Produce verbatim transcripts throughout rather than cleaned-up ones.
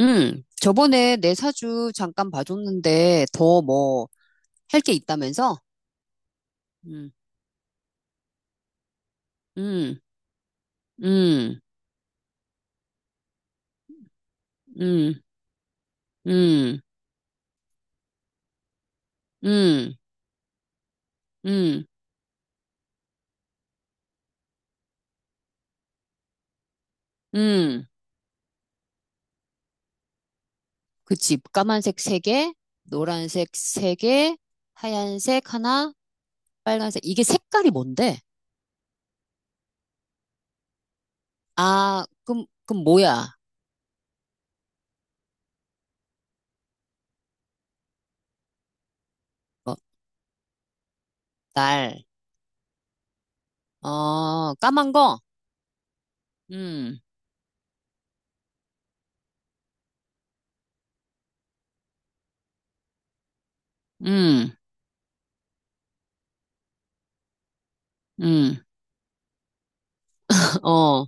응, 저번에 내 사주 잠깐 봐줬는데 더 뭐 할 게 있다면서? 응, 응, 응, 응, 응, 응, 응, 응. 그치. 까만색 세개 노란색 세개 하얀색 하나, 빨간색. 이게 색깔이 뭔데? 아, 그럼, 그럼 뭐야? 어, 날. 어, 까만 거? 응, 응, 응, 어.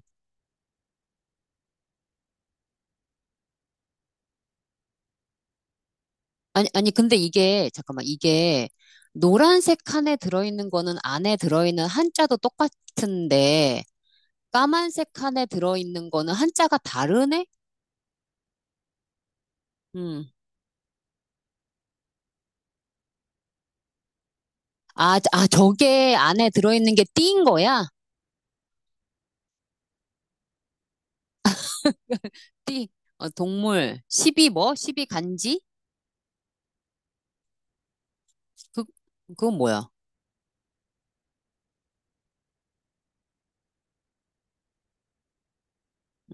아니, 아니, 근데 이게, 잠깐만, 이게, 노란색 칸에 들어있는 거는 안에 들어있는 한자도 똑같은데, 까만색 칸에 들어있는 거는 한자가 다르네? 음. 아, 저- 아, 저게 안에 들어있는 게 띠인 거야? 띠, 어, 동물, 십이 뭐? 십이 간지? 그, 그건 뭐야?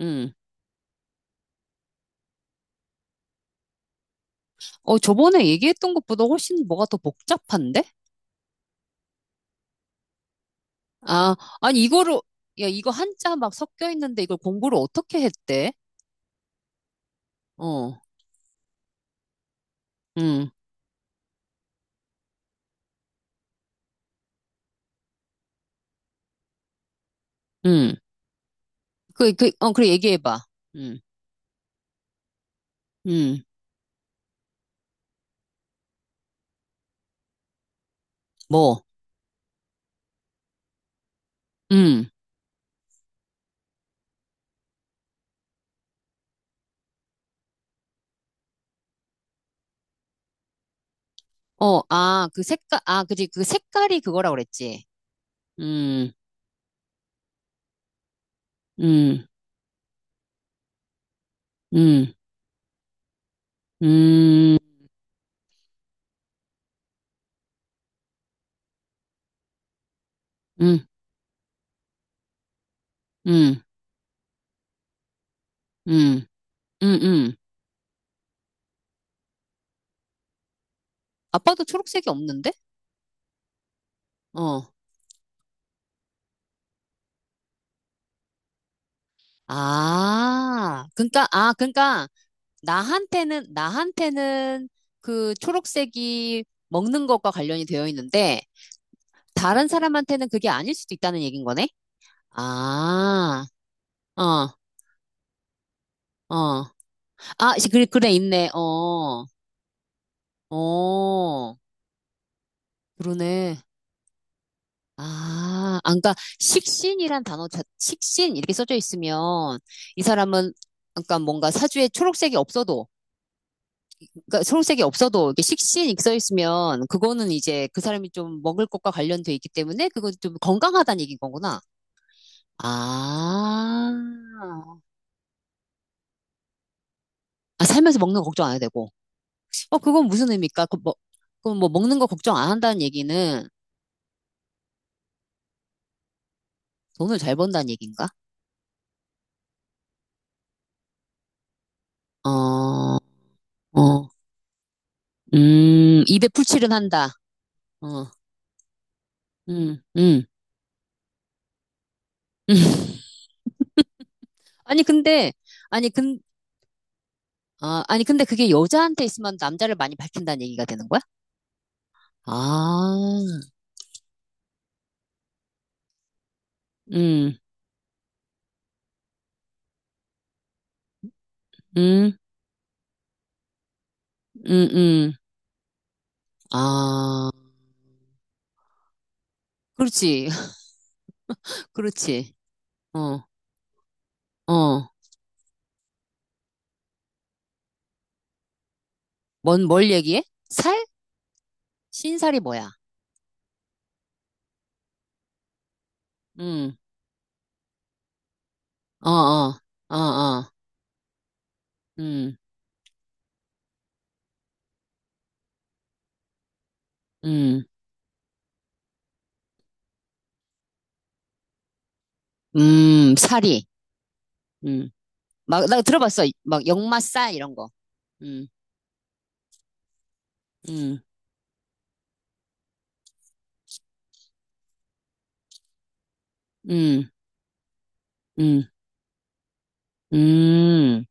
음. 어, 저번에 얘기했던 것보다 훨씬 뭐가 더 복잡한데? 아, 아니, 이거를, 야, 이거 한자 막 섞여 있는데 이걸 공부를 어떻게 했대? 어, 음, 음. 그, 그, 어, 그래, 얘기해봐. 음, 음, 뭐, 음, 어, 아, 그 색깔, 아, 그지, 그 색깔이 그거라 고 그랬지. 음, 음, 음, 음, 음, 음, 음, 음, 음. 아빠도 초록색이 없는데? 어, 아, 그러니까, 아, 그러니까, 나한테는, 나한테는 그 초록색이 먹는 것과 관련이 되어 있는데, 다른 사람한테는 그게 아닐 수도 있다는 얘기인 거네? 아, 어, 어. 아, 시- 그래, 그래, 있네. 어, 어, 그러네. 아, 아, 그러니까 식신이란 단어, 자, 식신 이렇게 써져 있으면 이 사람은 그러니까 뭔가 사주에 초록색이 없어도, 그러니까 초록색이 없어도 이렇게 식신 이렇게 써 있으면 그거는 이제 그 사람이 좀 먹을 것과 관련돼 있기 때문에 그건 좀 건강하다는 얘기인 거구나. 아, 아, 살면서 먹는 거 걱정 안 해도 되고. 어, 그건 무슨 의미일까? 그 뭐, 그럼 뭐 먹는 거 걱정 안 한다는 얘기는 돈을 잘 번다는 얘기인가? 어, 어, 음, 입에 풀칠은 한다. 어, 음, 음, 음. 아니, 근데, 아니, 근, 아, 아니, 근데 그게 여자한테 있으면 남자를 많이 밝힌다는 얘기가 되는 거야? 아, 음, 음, 음, 음. 아, 그렇지, 그렇지. 어, 어. 뭔, 뭘 얘기해? 살? 신살이 뭐야? 음, 어, 어, 어, 어. 음, 음, 음, 살이. 음. 막, 나 들어봤어. 막, 역마싸, 이런 거. 음, 음, 음, 음, 음,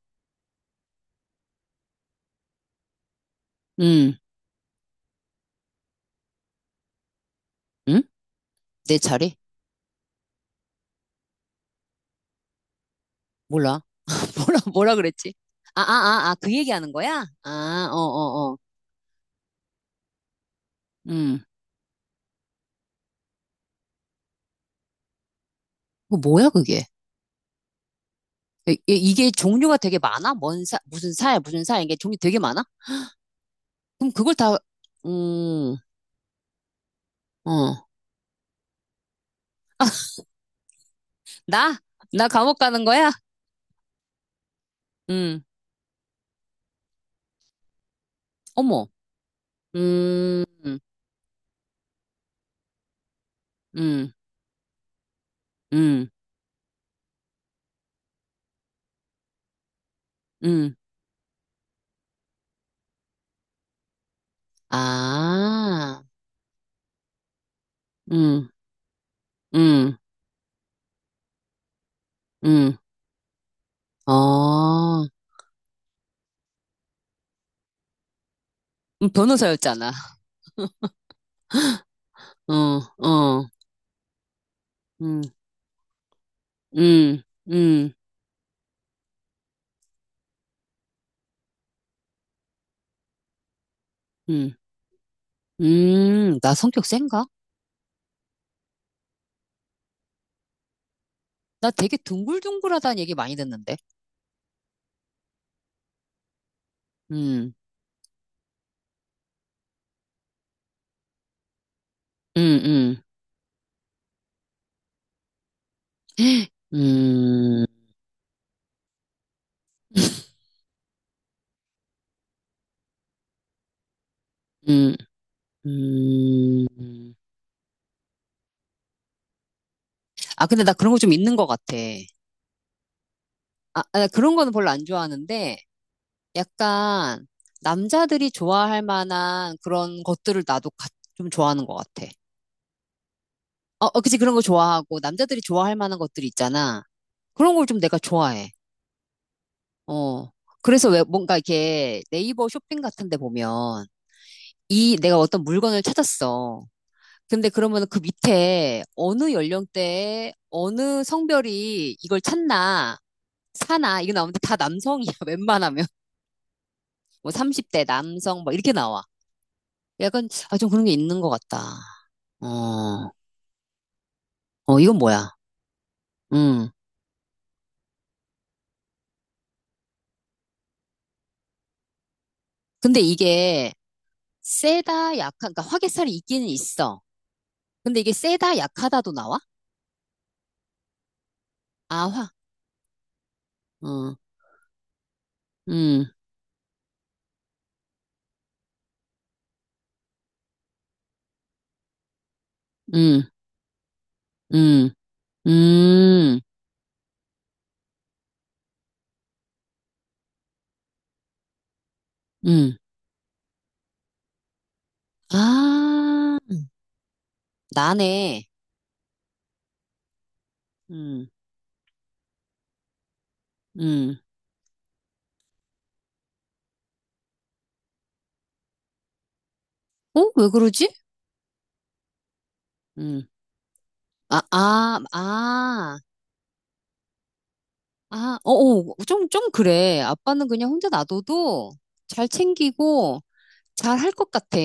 음, 음? 내 차례? 몰라. 뭐라, 뭐라 그랬지? 아, 아, 아, 아, 그 얘기하는 거야? 아, 어, 어, 어. 음. 그 뭐야, 그게? 이- 이- 이게 종류가 되게 많아? 뭔 사, 무슨 살, 무슨 살, 이게 종류 되게 많아? 그럼 그걸 다, 음, 어. 나? 나 감옥 가는 거야? 음, 어머. 음, 음, 음, 음. 아, 응 음, 음, 어, 음, 변호사였잖아. 어, 어, 음, 음, 음, 음, 음, 나 성격 센가? 나 되게 둥글둥글하다는 얘기 많이 듣는데. 음, 음, 음, 음, 음, 음. 아, 근데 나 그런 거 좀 있는 것 같아. 아, 아, 그런 거는 별로 안 좋아하는데, 약간 남자들이 좋아할 만한 그런 것들을 나도 가- 좀 좋아하는 것 같아. 어, 어, 그치, 그런 거 좋아하고, 남자들이 좋아할 만한 것들 있잖아. 그런 걸 좀 내가 좋아해. 어. 그래서 왜 뭔가 이렇게 네이버 쇼핑 같은 데 보면, 이, 내가 어떤 물건을 찾았어. 근데 그러면 그 밑에 어느 연령대에 어느 성별이 이걸 찾나, 사나, 이거 나오는데 다 남성이야, 웬만하면. 뭐 삼십 대 남성, 막 이렇게 나와. 약간, 아, 좀 그런 게 있는 것 같다. 어, 어, 이건 뭐야. 음. 근데 이게, 세다, 약한, 그러니까 화개살이 있기는 있어. 근데 이게 세다, 약하다도 나와? 아, 화. 어, 음, 음, 음, 음, 음. 아, 나네. 음, 음. 어? 왜 그러지? 음. 아, 아, 아, 아, 어, 어, 좀, 좀 그래. 아빠는 그냥 혼자 놔둬도 잘 챙기고 잘 할 것 같아.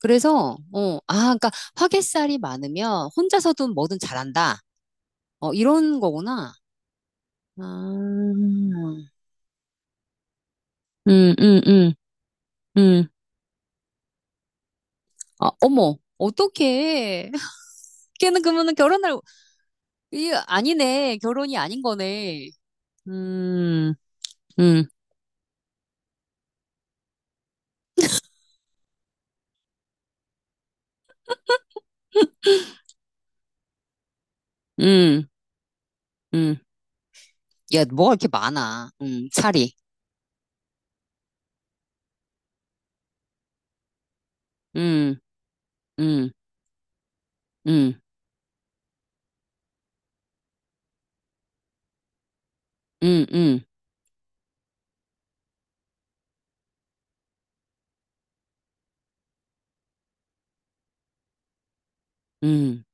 그래서, 어, 아, 그러니까 화개살이 많으면 혼자서든 뭐든 잘한다. 어, 이런 거구나. 아, 음, 음, 음, 음. 아, 어머, 어떡해. 걔는 그러면 결혼할, 이 아니네. 결혼이 아닌 거네. 음, 음, 음, 음. 야, 뭐가 이렇게 많아. 음, 살이. 음, 음, 음, 음, 음, 음,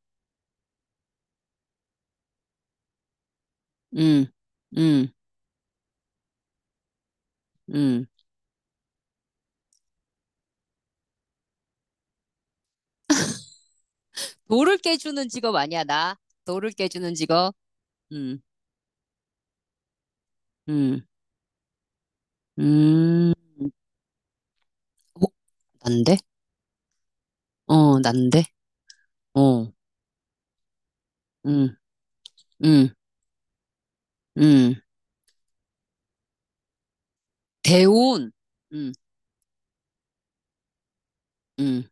음, 음, 음. 돌을 깨주는 직업 아니야, 나. 돌을 깨주는 직업. 음, 음, 음. 어, 난데? 어, 난데? 어, 음, 음. 음, 대운. 음, 음.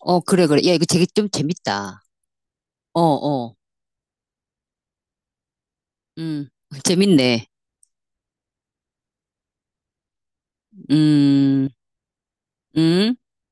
어, 그래, 그래. 야, 이거 되게 좀 재밌다. 어, 어. 음, 재밌네. 음, 음.